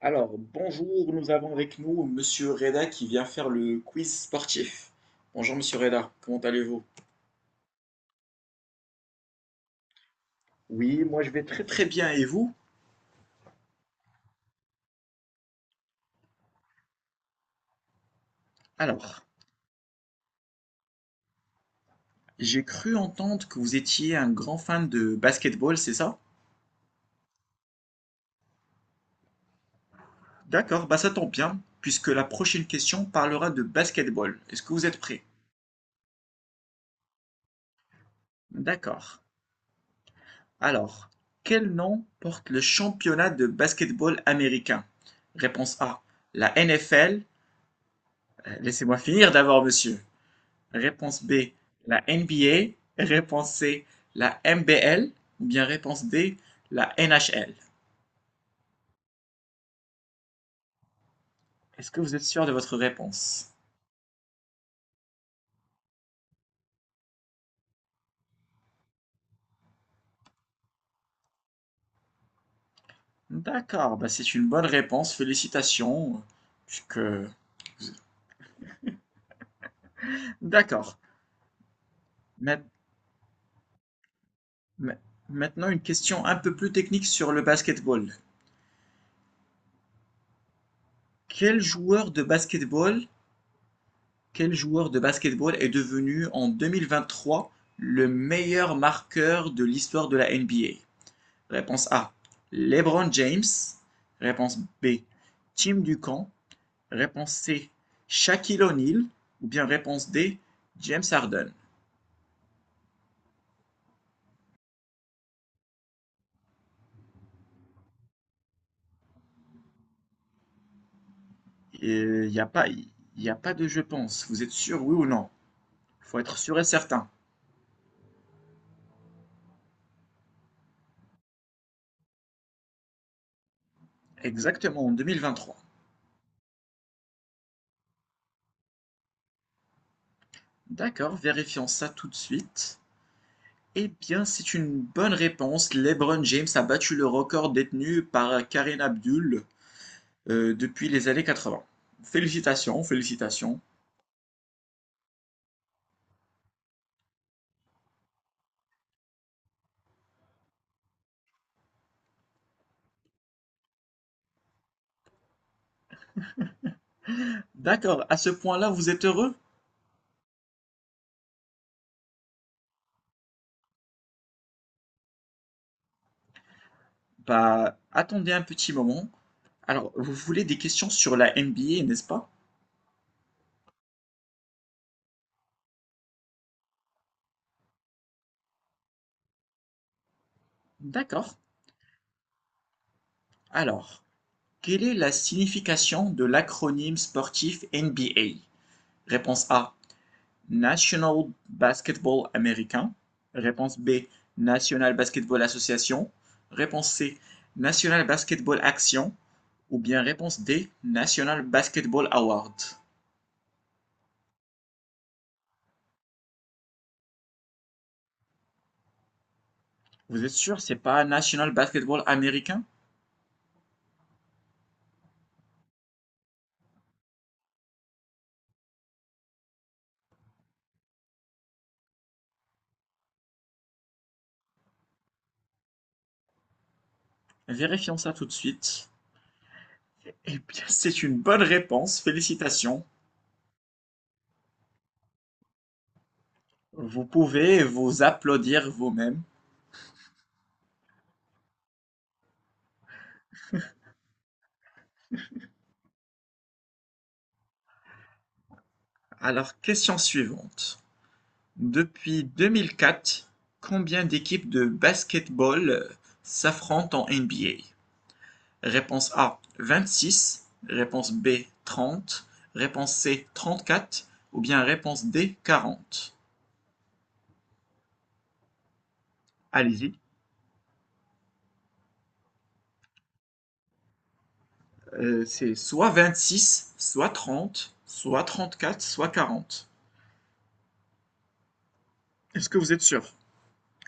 Alors, bonjour, nous avons avec nous Monsieur Reda qui vient faire le quiz sportif. Bonjour Monsieur Reda, comment allez-vous? Oui, moi je vais très très bien et vous? Alors, j'ai cru entendre que vous étiez un grand fan de basketball, c'est ça? D'accord, bah ça tombe bien, puisque la prochaine question parlera de basketball. Est-ce que vous êtes prêt? D'accord. Alors, quel nom porte le championnat de basketball américain? Réponse A, la NFL. Laissez-moi finir d'abord, monsieur. Réponse B, la NBA. Réponse C, la MBL. Ou bien réponse D, la NHL. Est-ce que vous êtes sûr de votre réponse? D'accord, bah c'est une bonne réponse, félicitations. Puisque... D'accord. Maintenant, une question un peu plus technique sur le basketball. Quel joueur de basketball, quel joueur de basketball est devenu en 2023 le meilleur marqueur de l'histoire de la NBA? Réponse A. LeBron James. Réponse B. Tim Duncan. Réponse C. Shaquille O'Neal. Ou bien réponse D. James Harden. Il n'y a pas de je pense. Vous êtes sûr, oui ou non? Il Faut être sûr et certain. Exactement, en 2023. D'accord, vérifions ça tout de suite. Eh bien, c'est une bonne réponse. LeBron James a battu le record détenu par Kareem Abdul depuis les années 80. Félicitations, félicitations. D'accord, à ce point-là, vous êtes heureux? Bah, attendez un petit moment. Alors, vous voulez des questions sur la NBA, n'est-ce pas? D'accord. Alors, quelle est la signification de l'acronyme sportif NBA? Réponse A, National Basketball Américain. Réponse B, National Basketball Association. Réponse C, National Basketball Action. Ou bien réponse D, National Basketball Award. Vous êtes sûr, c'est pas National Basketball Américain? Vérifions ça tout de suite. Eh bien, c'est une bonne réponse. Félicitations. Vous pouvez vous applaudir vous-même. Alors, question suivante. Depuis 2004, combien d'équipes de basketball s'affrontent en NBA? Réponse A, 26. Réponse B, 30. Réponse C, 34. Ou bien réponse D, 40. Allez-y. C'est soit 26, soit 30, soit 34, soit 40. Est-ce que vous êtes sûr?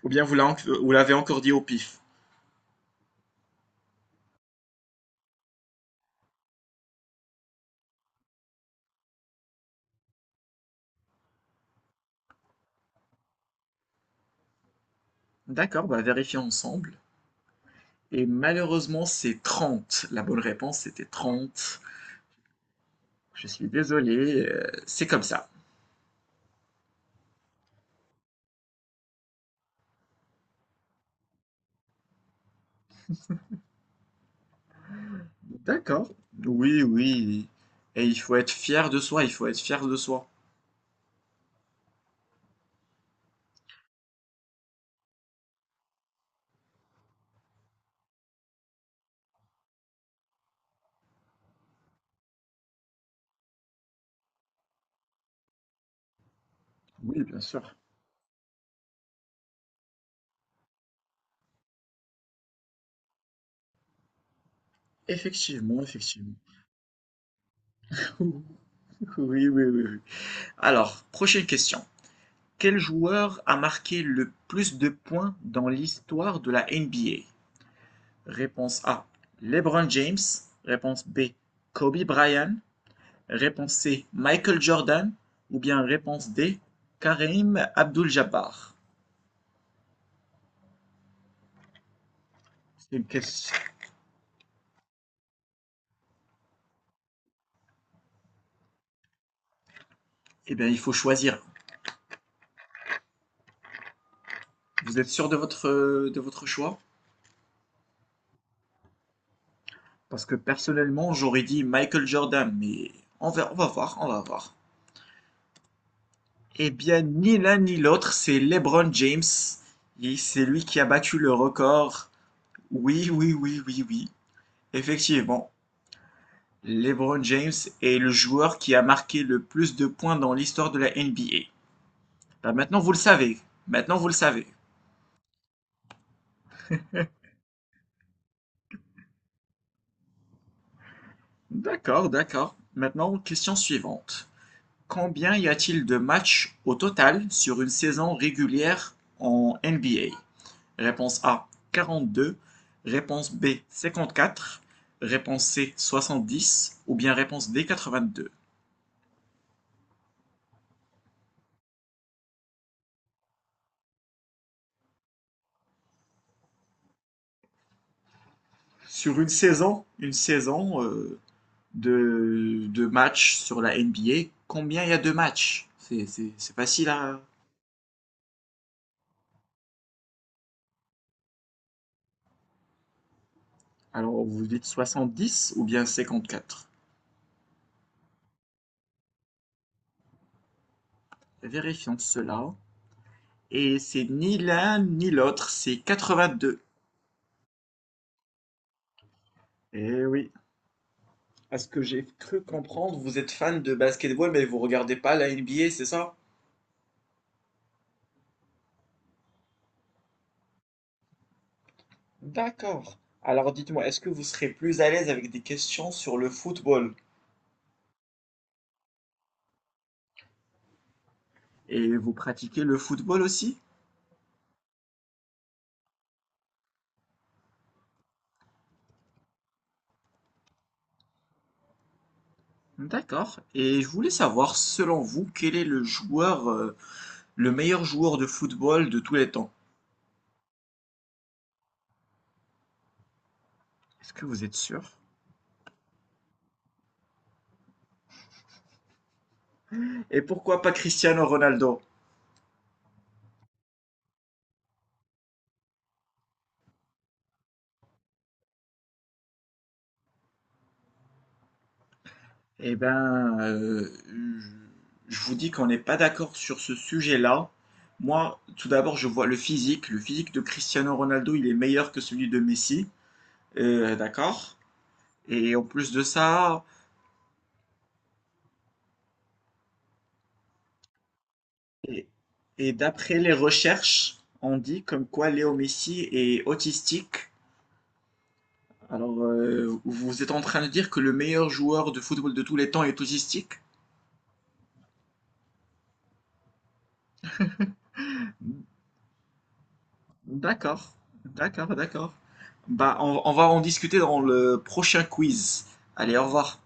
Ou bien vous l'avez encore dit au pif. D'accord, bah vérifier ensemble. Et malheureusement, c'est 30. La bonne réponse, c'était 30. Je suis désolé, c'est comme ça. D'accord. Oui, oui. Et il faut être fier de soi, il faut être fier de soi. Oui, bien sûr. Effectivement, effectivement. Oui, oui, oui, oui. Alors, prochaine question. Quel joueur a marqué le plus de points dans l'histoire de la NBA? Réponse A. LeBron James. Réponse B. Kobe Bryant. Réponse C. Michael Jordan. Ou bien réponse D. Kareem Abdul-Jabbar. C'est une question. Eh bien, il faut choisir. Vous êtes sûr de votre choix? Parce que personnellement, j'aurais dit Michael Jordan, mais on va voir, on va voir. Eh bien, ni l'un ni l'autre, c'est LeBron James. Et c'est lui qui a battu le record. Oui, oui, oui, oui, oui. Effectivement, LeBron James est le joueur qui a marqué le plus de points dans l'histoire de la NBA. Bah, maintenant, vous le savez. Maintenant, vous le savez. D'accord, d'accord. Maintenant, question suivante. Combien y a-t-il de matchs au total sur une saison régulière en NBA? Réponse A, 42. Réponse B, 54. Réponse C, 70. Ou bien réponse D, 82. Sur une saison, de matchs sur la NBA, combien il y a de matchs? C'est facile à... Alors, vous dites 70 ou bien 54? Vérifions cela. Et c'est ni l'un ni l'autre, c'est 82. Eh oui, à ce que j'ai cru comprendre, vous êtes fan de basketball, mais vous regardez pas la NBA, c'est ça? D'accord. Alors dites-moi, est-ce que vous serez plus à l'aise avec des questions sur le football? Et vous pratiquez le football aussi? D'accord. Et je voulais savoir, selon vous, quel est le joueur, le meilleur joueur de football de tous les temps? Est-ce que vous êtes sûr? Et pourquoi pas Cristiano Ronaldo? Eh ben, je je vous dis qu'on n'est pas d'accord sur ce sujet-là. Moi, tout d'abord, je vois le physique. Le physique de Cristiano Ronaldo, il est meilleur que celui de Messi. D'accord? Et en plus de ça, et, et d'après les recherches, on dit comme quoi Léo Messi est autistique. Alors, vous êtes en train de dire que le meilleur joueur de football de tous les temps est autistique? D'accord, d'accord, d'accord. Bah, on va en discuter dans le prochain quiz. Allez, au revoir.